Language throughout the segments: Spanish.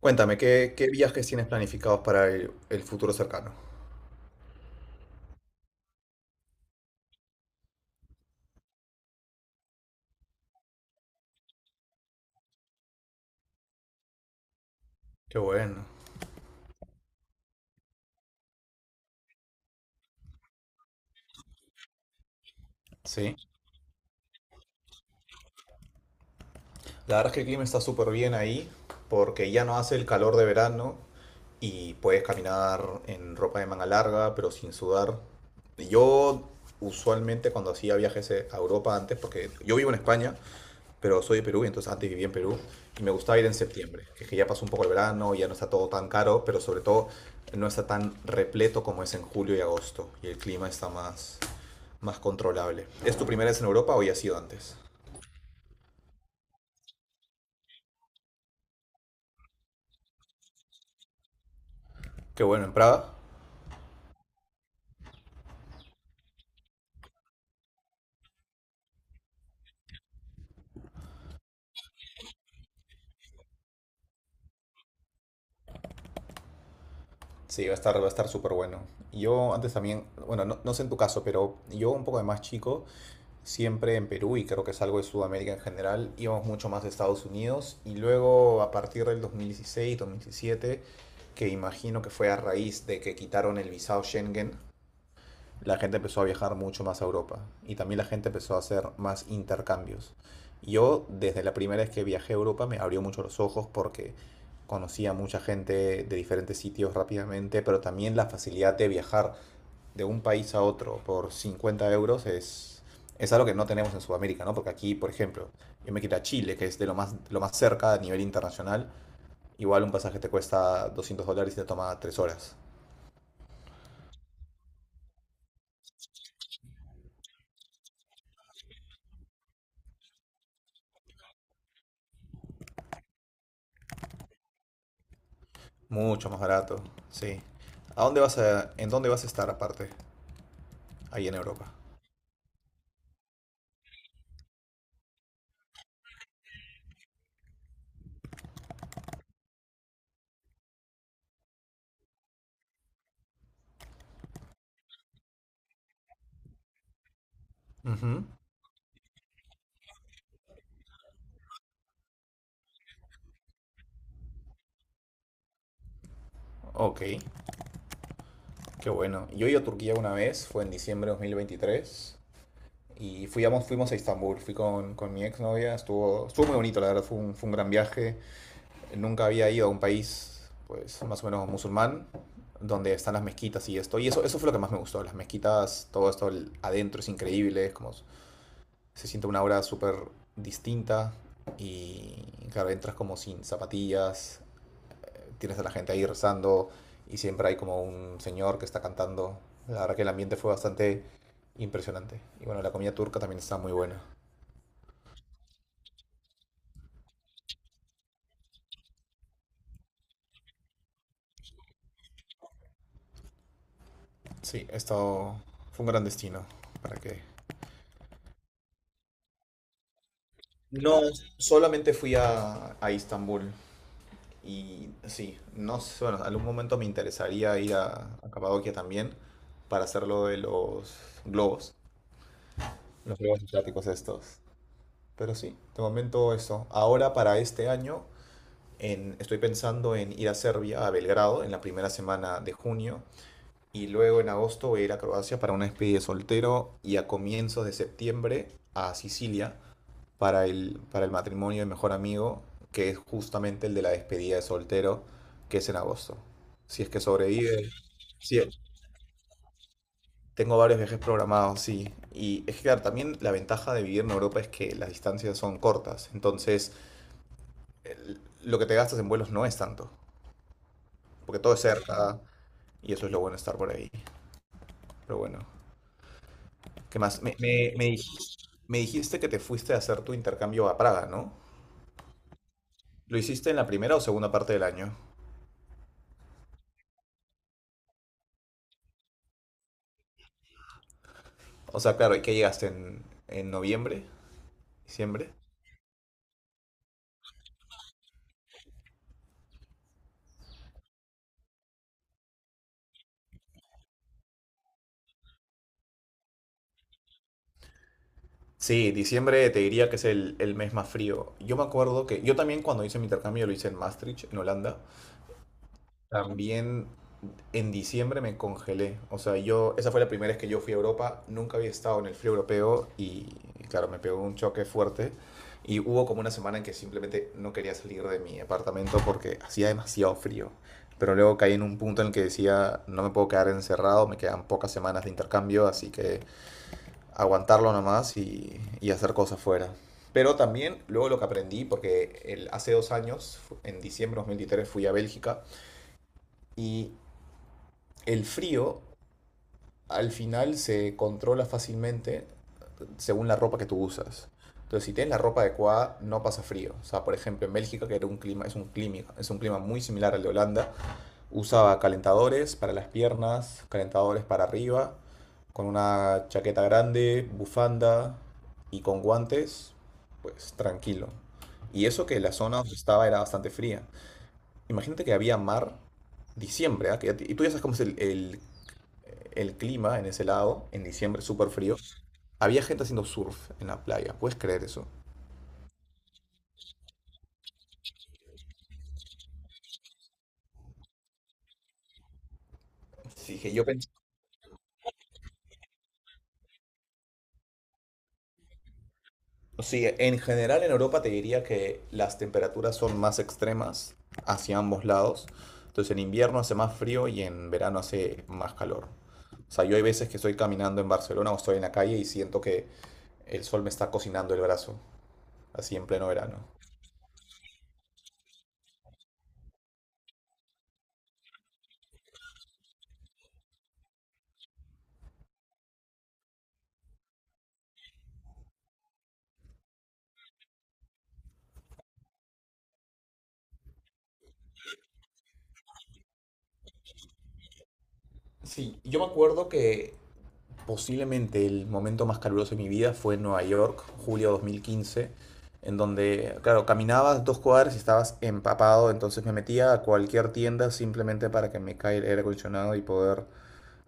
Cuéntame, ¿qué viajes tienes planificados para el futuro cercano? Qué bueno, sí. La verdad es que el clima está súper bien ahí porque ya no hace el calor de verano y puedes caminar en ropa de manga larga pero sin sudar. Yo usualmente cuando hacía viajes a Europa antes, porque yo vivo en España, pero soy de Perú, y entonces antes vivía en Perú y me gustaba ir en septiembre, que es que ya pasó un poco el verano, ya no está todo tan caro, pero sobre todo no está tan repleto como es en julio y agosto y el clima está más controlable. ¿Es tu primera vez en Europa o ya ha sido antes? Qué bueno, en Praga. Sí, va a estar súper bueno. Yo antes también, bueno, no sé en tu caso, pero yo un poco de más chico, siempre en Perú y creo que es algo de Sudamérica en general, íbamos mucho más a Estados Unidos y luego a partir del 2016, 2017, que imagino que fue a raíz de que quitaron el visado Schengen, la gente empezó a viajar mucho más a Europa y también la gente empezó a hacer más intercambios. Yo, desde la primera vez que viajé a Europa, me abrió mucho los ojos porque conocía a mucha gente de diferentes sitios rápidamente, pero también la facilidad de viajar de un país a otro por 50 euros es algo que no tenemos en Sudamérica, ¿no? Porque aquí, por ejemplo, yo me quito a Chile, que es de lo más cerca a nivel internacional, igual un pasaje te cuesta $200 y te toma 3 horas. Mucho más barato, sí. ¿A dónde en dónde vas a estar aparte? Ahí en Europa. Ujú. Ok, qué bueno. Yo he ido a Turquía una vez, fue en diciembre de 2023, y fuimos a Estambul, fui con mi exnovia, estuvo muy bonito, la verdad, fue fue un gran viaje. Nunca había ido a un país, pues, más o menos musulmán, donde están las mezquitas y esto, y eso fue lo que más me gustó, las mezquitas, todo esto el- adentro es increíble, es como se siente una aura súper distinta y claro, entras como sin zapatillas, tienes a la gente ahí rezando y siempre hay como un señor que está cantando. La verdad que el ambiente fue bastante impresionante. Y bueno, la comida turca también está muy buena. Sí, esto fue un gran destino. ¿Para qué No, solamente fui a Istambul. Y sí, no sé, bueno, algún momento me interesaría ir a Capadocia también para hacerlo de los globos. Los juegos asiáticos estos. Pero sí, de momento eso. Ahora para este año estoy pensando en ir a Serbia, a Belgrado, en la primera semana de junio. Y luego en agosto voy a ir a Croacia para una despedida de soltero y a comienzos de septiembre a Sicilia para para el matrimonio de mejor amigo, que es justamente el de la despedida de soltero, que es en agosto. Si es que sobrevive, si, tengo varios viajes programados, sí. Y es que, claro, también la ventaja de vivir en Europa es que las distancias son cortas. Entonces, lo que te gastas en vuelos no es tanto, porque todo es cerca y eso es lo bueno de estar por ahí. Pero bueno, ¿qué más? Me dijiste que te fuiste a hacer tu intercambio a Praga, ¿no? ¿Lo hiciste en la primera o segunda parte del año? O sea, claro, ¿y qué llegaste en noviembre? ¿Diciembre? Sí, diciembre te diría que es el mes más frío. Yo me acuerdo que yo también cuando hice mi intercambio lo hice en Maastricht, en Holanda. También en diciembre me congelé. O sea, yo, esa fue la primera vez que yo fui a Europa. Nunca había estado en el frío europeo y, claro, me pegó un choque fuerte. Y hubo como una semana en que simplemente no quería salir de mi apartamento porque hacía demasiado frío. Pero luego caí en un punto en el que decía, no me puedo quedar encerrado, me quedan pocas semanas de intercambio, así que aguantarlo nomás y hacer cosas fuera. Pero también luego lo que aprendí, porque el, hace 2 años, en diciembre de 2023, fui a Bélgica y el frío al final se controla fácilmente según la ropa que tú usas. Entonces, si tienes la ropa adecuada, no pasa frío. O sea, por ejemplo, en Bélgica, que es un clima muy similar al de Holanda, usaba calentadores para las piernas, calentadores para arriba, con una chaqueta grande, bufanda y con guantes, pues tranquilo. Y eso que la zona donde estaba era bastante fría. Imagínate que había mar diciembre, ¿ah? Que ya te- y tú ya sabes cómo es el clima en ese lado, en diciembre súper frío, había gente haciendo surf en la playa. ¿Puedes creer eso? Sí, que yo pens- sí, en general en Europa te diría que las temperaturas son más extremas hacia ambos lados. Entonces en invierno hace más frío y en verano hace más calor. O sea, yo hay veces que estoy caminando en Barcelona o estoy en la calle y siento que el sol me está cocinando el brazo, así en pleno verano. Sí, yo me acuerdo que posiblemente el momento más caluroso de mi vida fue en Nueva York, julio de 2015, en donde, claro, caminabas dos cuadras y estabas empapado, entonces me metía a cualquier tienda simplemente para que me caiga el aire acondicionado y poder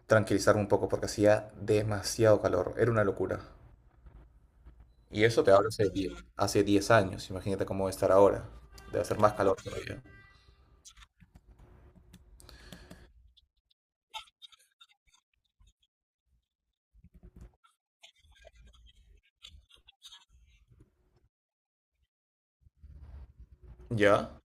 tranquilizarme un poco porque hacía demasiado calor, era una locura. Y eso te hablo hace 10 años, imagínate cómo debe estar ahora, debe hacer más calor todavía. ¿Ya?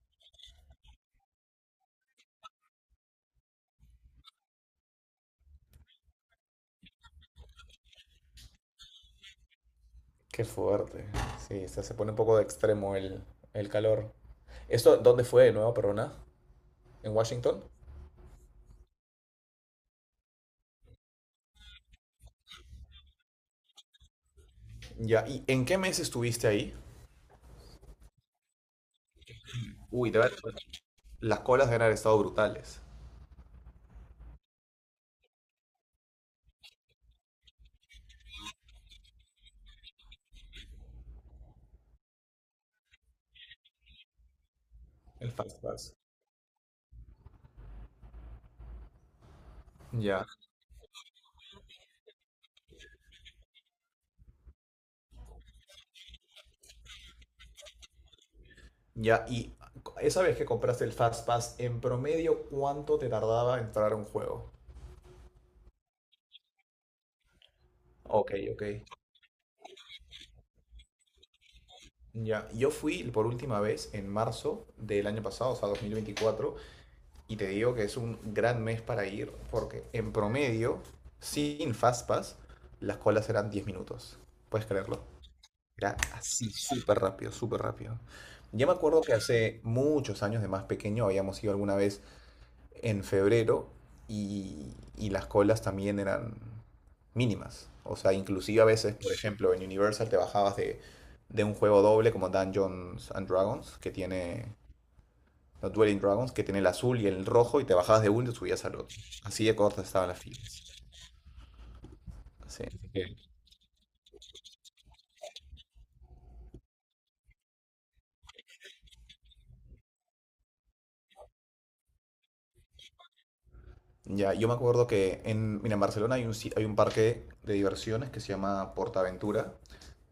Qué fuerte. Sí, o sea, se pone un poco de extremo el calor. ¿Esto dónde fue de nuevo, perdona? ¿En Washington? Ya, ¿y en qué mes estuviste ahí? Uy, debe las colas deben haber estado brutales. El Fast Pass. Ya, ya, y esa vez que compraste el Fast Pass, en promedio, ¿cuánto te tardaba entrar a un juego? Ok, ok. Ya, yo fui por última vez en marzo del año pasado, o sea, 2024 y te digo que es un gran mes para ir, porque en promedio, sin Fast Pass, las colas eran 10 minutos. ¿Puedes creerlo? Era así, súper rápido, súper rápido. Ya me acuerdo que hace muchos años de más pequeño habíamos ido alguna vez en febrero y las colas también eran mínimas. O sea, inclusive a veces, por ejemplo, en Universal te bajabas de un juego doble como Dungeons and Dragons, que tiene, no, Dueling Dragons, que tiene el azul y el rojo, y te bajabas de uno y te subías al otro. Así de cortas estaban las filas. Sí. Ya, yo me acuerdo que en, mira, en Barcelona hay un, si- hay un parque de diversiones que se llama PortAventura.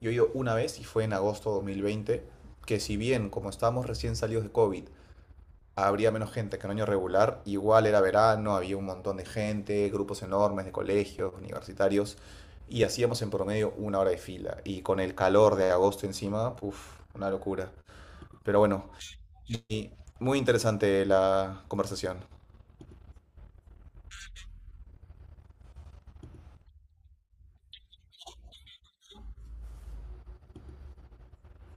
Yo he ido una vez y fue en agosto de 2020, que si bien como estábamos recién salidos de COVID, habría menos gente que en año regular, igual era verano, había un montón de gente, grupos enormes de colegios, universitarios, y hacíamos en promedio 1 hora de fila. Y con el calor de agosto encima, uff, una locura. Pero bueno, y muy interesante la conversación.